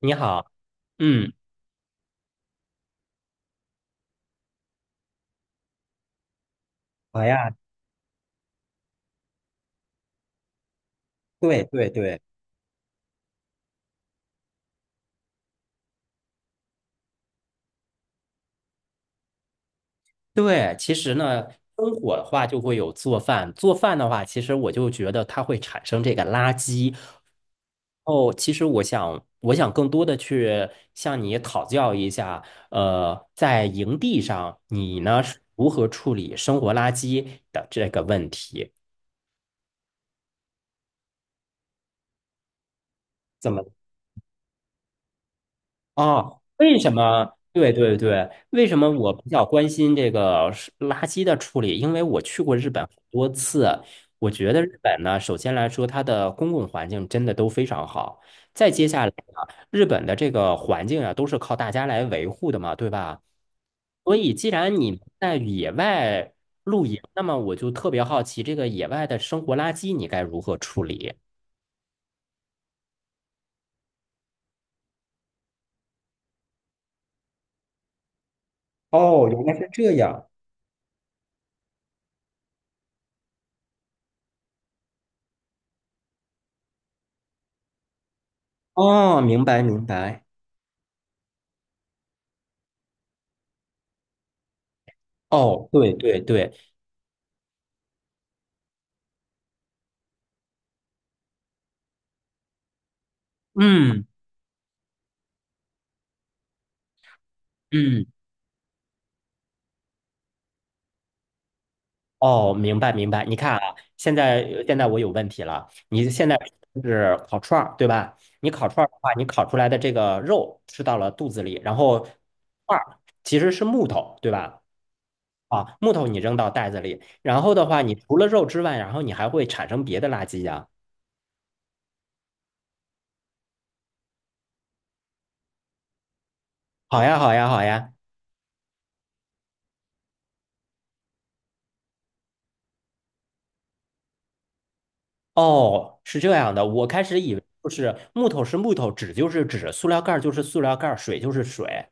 你好，嗯，好呀，对对对对，其实呢，生火的话就会有做饭，做饭的话，其实我就觉得它会产生这个垃圾。哦，其实我想更多的去向你讨教一下，在营地上你呢是如何处理生活垃圾的这个问题？怎么？哦，为什么？对对对，为什么我比较关心这个是垃圾的处理？因为我去过日本很多次，我觉得日本呢，首先来说，它的公共环境真的都非常好。再接下来啊，日本的这个环境啊，都是靠大家来维护的嘛，对吧？所以，既然你在野外露营，那么我就特别好奇，这个野外的生活垃圾你该如何处理？哦，原来是这样。哦，明白明白。哦，对对对，嗯嗯，哦，明白明白。你看啊，现在我有问题了。你现在是烤串儿，对吧？你烤串儿的话，你烤出来的这个肉吃到了肚子里，然后串儿其实是木头，对吧？啊，木头你扔到袋子里，然后的话，你除了肉之外，然后你还会产生别的垃圾呀。好呀，好呀，好呀。哦，是这样的，我开始以为就是木头是木头，纸就是纸，塑料盖儿就是塑料盖儿，水就是水。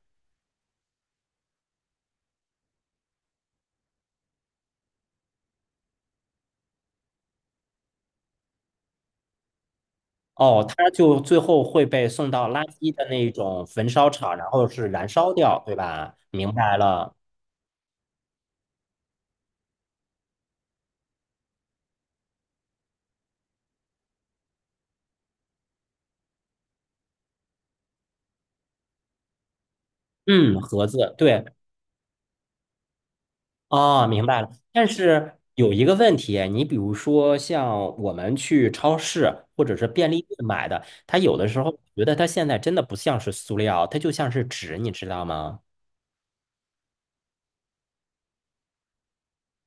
哦，它就最后会被送到垃圾的那种焚烧厂，然后是燃烧掉，对吧？明白了。嗯，盒子，对，哦，明白了。但是有一个问题，你比如说像我们去超市或者是便利店买的，它有的时候觉得它现在真的不像是塑料，它就像是纸，你知道吗？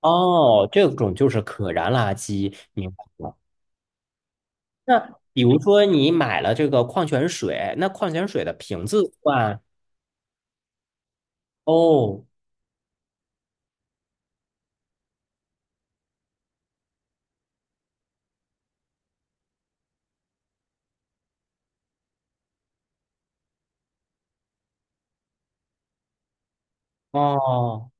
哦，这种就是可燃垃圾，明白了。那比如说你买了这个矿泉水，那矿泉水的瓶子算。哦，哦，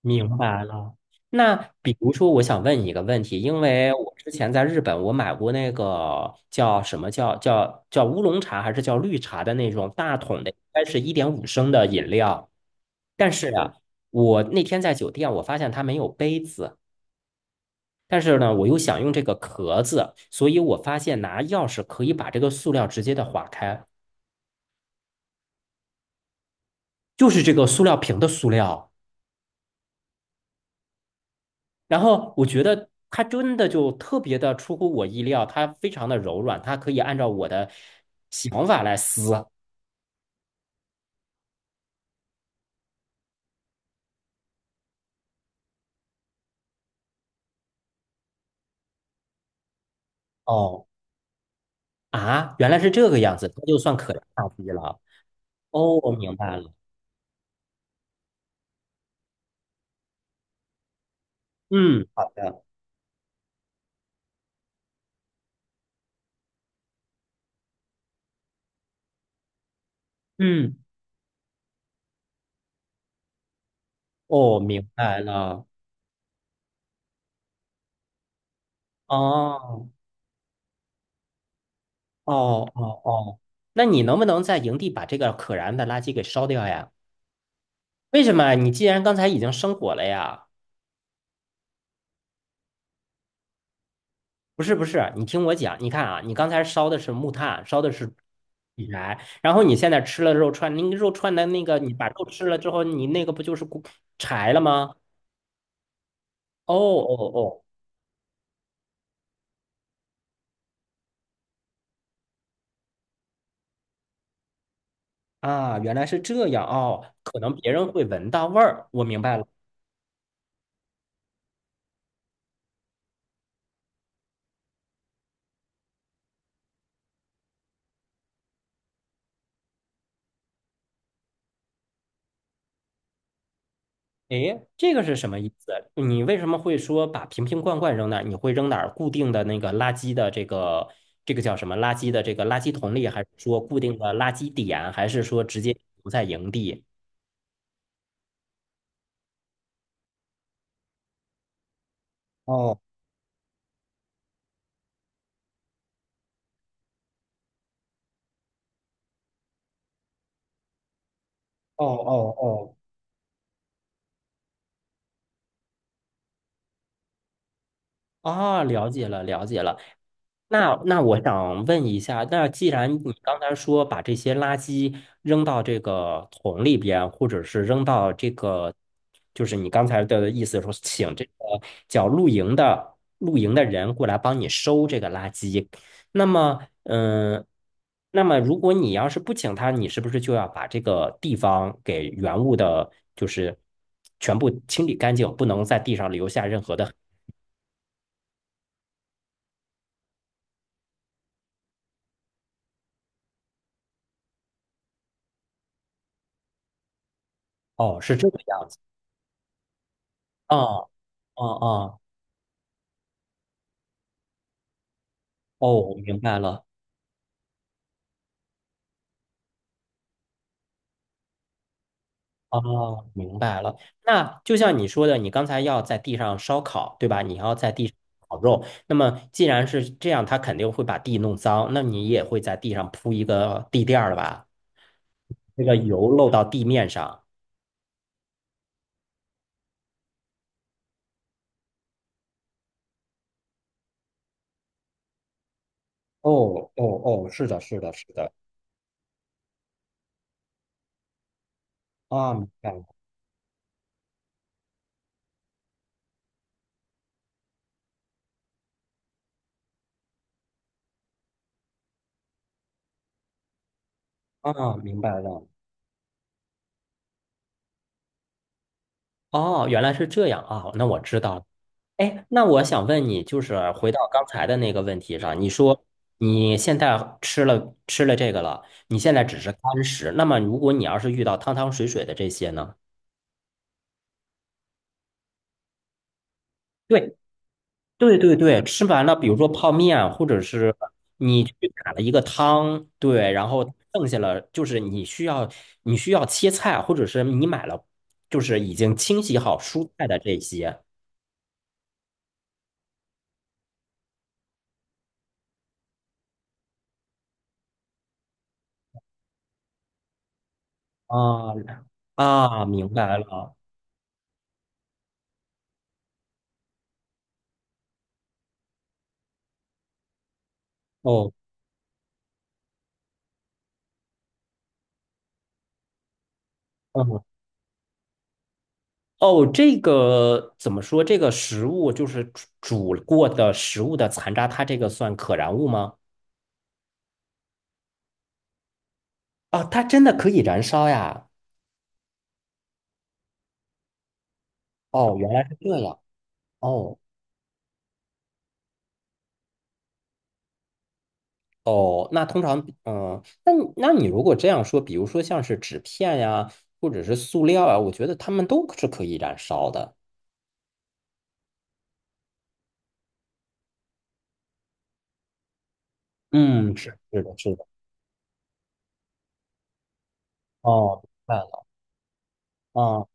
明白了。那比如说，我想问你一个问题，因为我之前在日本，我买过那个叫什么叫乌龙茶还是叫绿茶的那种大桶的，应该是1.5升的饮料。但是啊，我那天在酒店，我发现它没有杯子，但是呢，我又想用这个壳子，所以我发现拿钥匙可以把这个塑料直接的划开，就是这个塑料瓶的塑料。然后我觉得它真的就特别的出乎我意料，它非常的柔软，它可以按照我的想法来撕。哦啊，原来是这个样子，它就算可燃垃圾了。哦，我明白了。嗯，好的。嗯，哦，明白了。哦哦哦哦，那你能不能在营地把这个可燃的垃圾给烧掉呀？为什么啊？你既然刚才已经生火了呀？不是不是，你听我讲，你看啊，你刚才烧的是木炭，烧的是火柴，然后你现在吃了肉串，那个肉串的那个，你把肉吃了之后，你那个不就是骨柴了吗？哦哦哦，啊，原来是这样哦，可能别人会闻到味儿，我明白了。诶，这个是什么意思？你为什么会说把瓶瓶罐罐扔那儿？你会扔哪儿？固定的那个垃圾的这个这个叫什么？垃圾的这个垃圾桶里，还是说固定的垃圾点，还是说直接留在营地？哦。哦哦哦，啊，了解了，了解了。那我想问一下，那既然你刚才说把这些垃圾扔到这个桶里边，或者是扔到这个，就是你刚才的意思说，请这个叫露营的人过来帮你收这个垃圾，那么，嗯，那么如果你要是不请他，你是不是就要把这个地方给原物的，就是全部清理干净，不能在地上留下任何的哦，是这个样子。啊啊啊！哦，明白了。哦，明白了。那就像你说的，你刚才要在地上烧烤，对吧？你要在地上烤肉。那么既然是这样，它肯定会把地弄脏，那你也会在地上铺一个地垫儿吧？那个油漏到地面上。哦哦哦，是的，是的，是的。啊，明白了。啊，明白了。哦，原来是这样啊，那我知道了。哎，那我想问你，就是回到刚才的那个问题上，你说你现在吃了这个了，你现在只是干食，那么如果你要是遇到汤汤水水的这些呢？对对对对，吃完了，比如说泡面，或者是你去打了一个汤，对，然后剩下了就是你需要切菜，或者是你买了就是已经清洗好蔬菜的这些啊啊，明白了哦，嗯哦，这个怎么说？这个食物就是煮过的食物的残渣，它这个算可燃物吗？啊，它真的可以燃烧呀！哦，原来是这样。哦哦，那通常，嗯，那你那你如果这样说，比如说像是纸片呀，或者是塑料啊，我觉得它们都是可以燃烧的。嗯，是是的，是的。哦，明白了。啊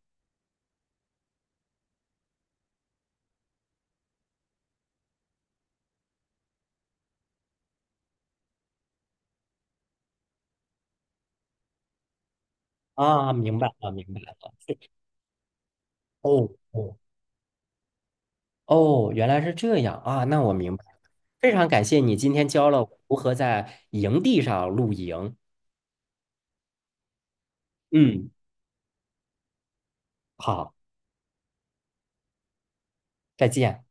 啊，明白了，明白了。哦哦哦，原来是这样啊，那我明白了。非常感谢你今天教了我如何在营地上露营。嗯，好，再见。